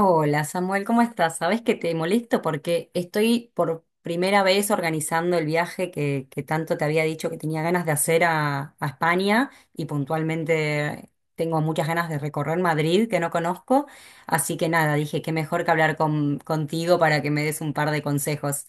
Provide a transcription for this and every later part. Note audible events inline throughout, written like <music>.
Hola Samuel, ¿cómo estás? Sabes que te molesto porque estoy por primera vez organizando el viaje que tanto te había dicho que tenía ganas de hacer a España y puntualmente tengo muchas ganas de recorrer Madrid que no conozco. Así que nada, dije que mejor que hablar contigo para que me des un par de consejos.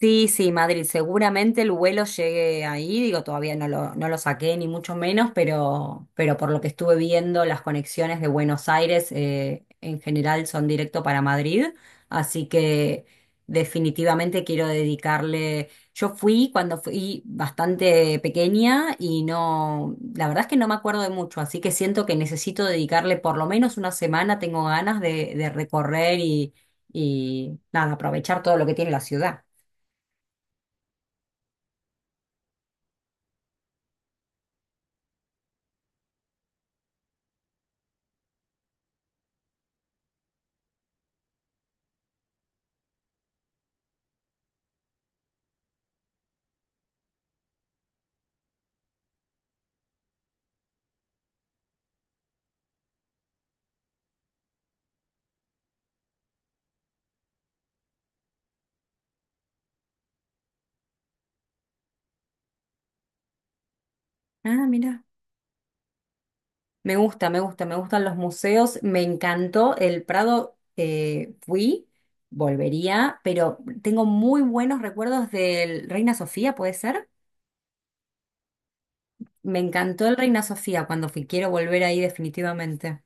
Sí, sí, Madrid. Seguramente el vuelo llegue ahí. Digo, todavía no lo, no lo saqué, ni mucho menos, pero por lo que estuve viendo, las conexiones de Buenos Aires en general son directo para Madrid. Así que definitivamente quiero dedicarle. Yo fui cuando fui bastante pequeña y no, la verdad es que no me acuerdo de mucho, así que siento que necesito dedicarle por lo menos una semana. Tengo ganas de recorrer y nada, aprovechar todo lo que tiene la ciudad. Ah, mira. Me gusta, me gusta, me gustan los museos. Me encantó el Prado. Volvería, pero tengo muy buenos recuerdos del Reina Sofía, ¿puede ser? Me encantó el Reina Sofía cuando fui. Quiero volver ahí definitivamente.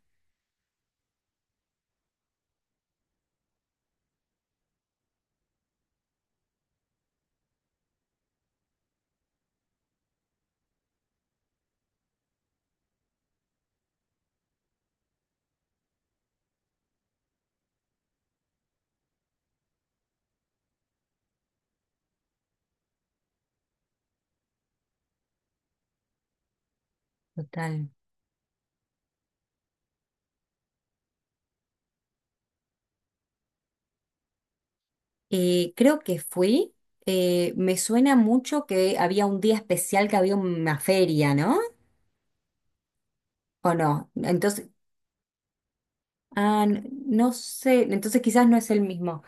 Total. Creo que fui. Me suena mucho que había un día especial, que había una feria, ¿no? ¿O no? Entonces, ah, no sé. Entonces quizás no es el mismo.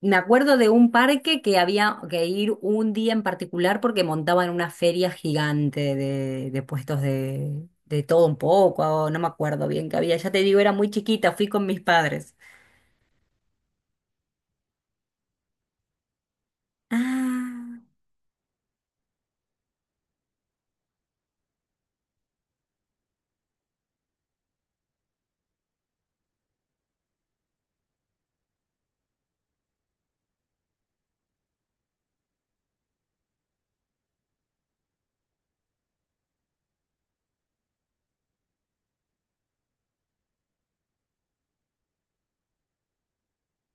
Me acuerdo de un parque que había que ir un día en particular porque montaban una feria gigante de puestos de todo un poco, o no me acuerdo bien qué había. Ya te digo, era muy chiquita, fui con mis padres. Ah,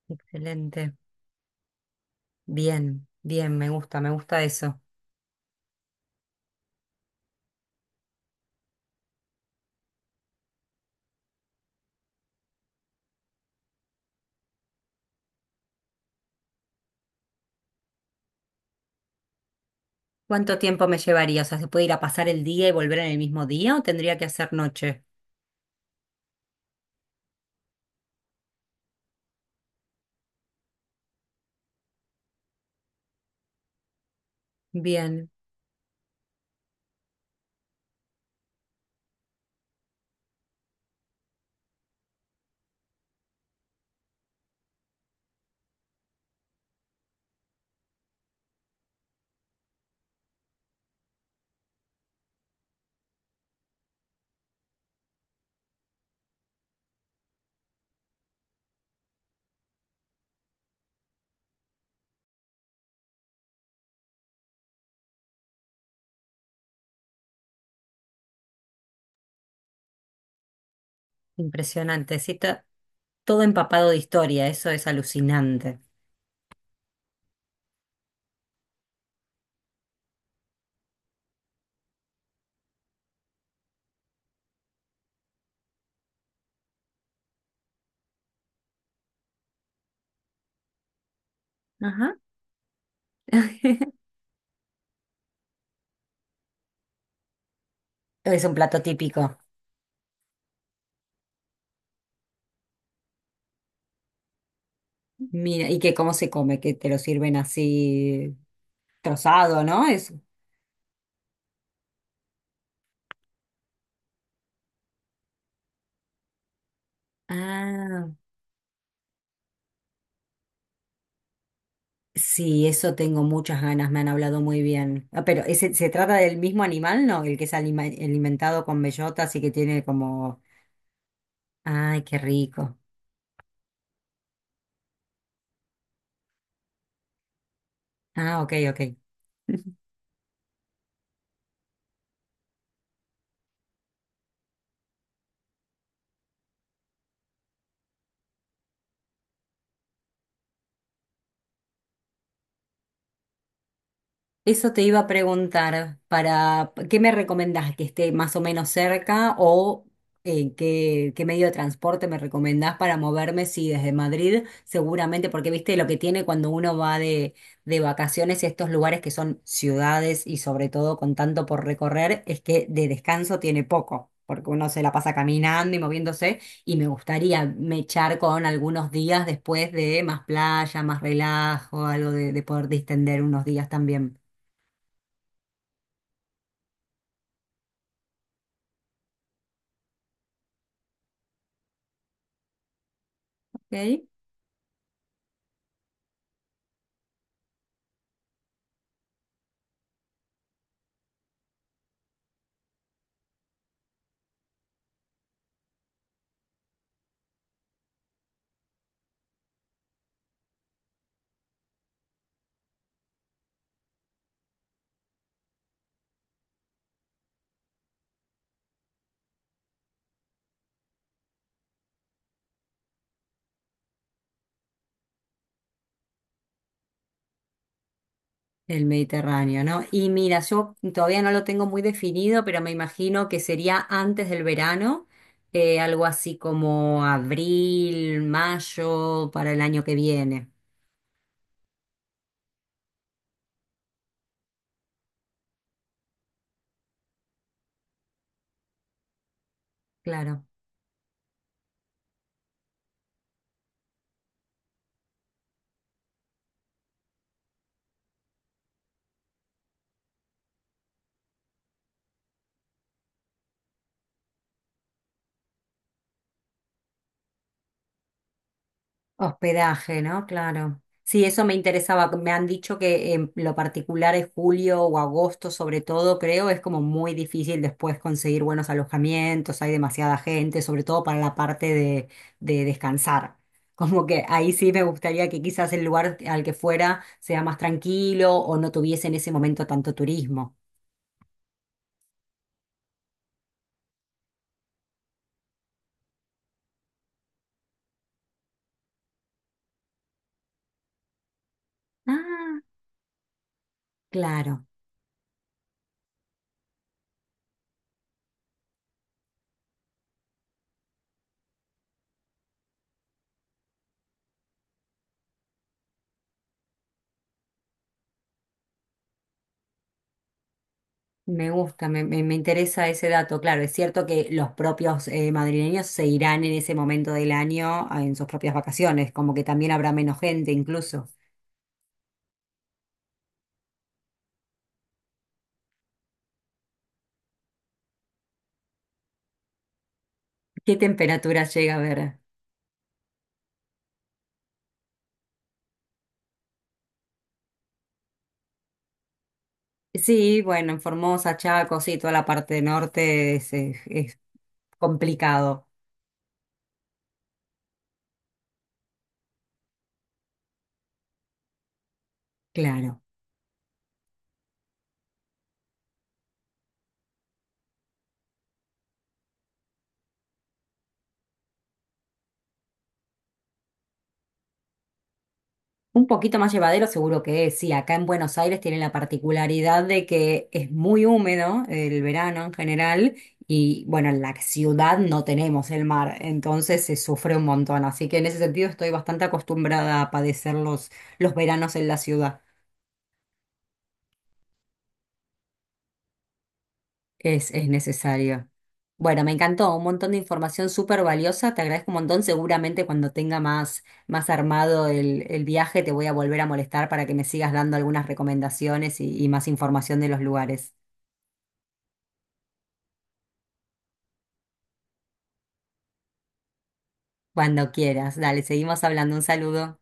excelente. Bien, bien, me gusta eso. ¿Cuánto tiempo me llevaría? O sea, ¿se puede ir a pasar el día y volver en el mismo día o tendría que hacer noche? Bien, impresionante. Sí, está todo empapado de historia, eso es alucinante. Ajá. <laughs> Es un plato típico. Mira, ¿y que cómo se come? Que te lo sirven así trozado, ¿no? Es… Ah, sí, eso tengo muchas ganas, me han hablado muy bien. Ah, pero ese, ¿se trata del mismo animal, no? El que es alimentado con bellotas y que tiene como… Ay, qué rico. Ah, ok, ok. <laughs> Eso te iba a preguntar, para, ¿qué me recomendás? ¿Que esté más o menos cerca o qué, qué medio de transporte me recomendás para moverme? Sí, desde Madrid, seguramente, porque viste lo que tiene cuando uno va de vacaciones y estos lugares que son ciudades y sobre todo con tanto por recorrer, es que de descanso tiene poco, porque uno se la pasa caminando y moviéndose y me gustaría mechar con algunos días después de más playa, más relajo, algo de poder distender unos días también. Ok. El Mediterráneo, ¿no? Y mira, yo todavía no lo tengo muy definido, pero me imagino que sería antes del verano, algo así como abril, mayo, para el año que viene. Claro. Hospedaje, ¿no? Claro. Sí, eso me interesaba. Me han dicho que en lo particular es julio o agosto, sobre todo, creo, es como muy difícil después conseguir buenos alojamientos, hay demasiada gente, sobre todo para la parte de descansar. <laughs> Como que ahí sí me gustaría que quizás el lugar al que fuera sea más tranquilo o no tuviese en ese momento tanto turismo. Ah, claro. Me gusta, me interesa ese dato. Claro, es cierto que los propios madrileños se irán en ese momento del año en sus propias vacaciones, como que también habrá menos gente incluso. ¿Qué temperatura llega a ver? Sí, bueno, en Formosa, Chaco, sí, toda la parte norte es complicado. Claro. Un poquito más llevadero seguro que es, sí, acá en Buenos Aires tiene la particularidad de que es muy húmedo el verano en general y bueno, en la ciudad no tenemos el mar, entonces se sufre un montón, así que en ese sentido estoy bastante acostumbrada a padecer los veranos en la ciudad. Es necesario. Bueno, me encantó, un montón de información súper valiosa, te agradezco un montón, seguramente cuando tenga más, más armado el viaje te voy a volver a molestar para que me sigas dando algunas recomendaciones y más información de los lugares. Cuando quieras, dale, seguimos hablando, un saludo.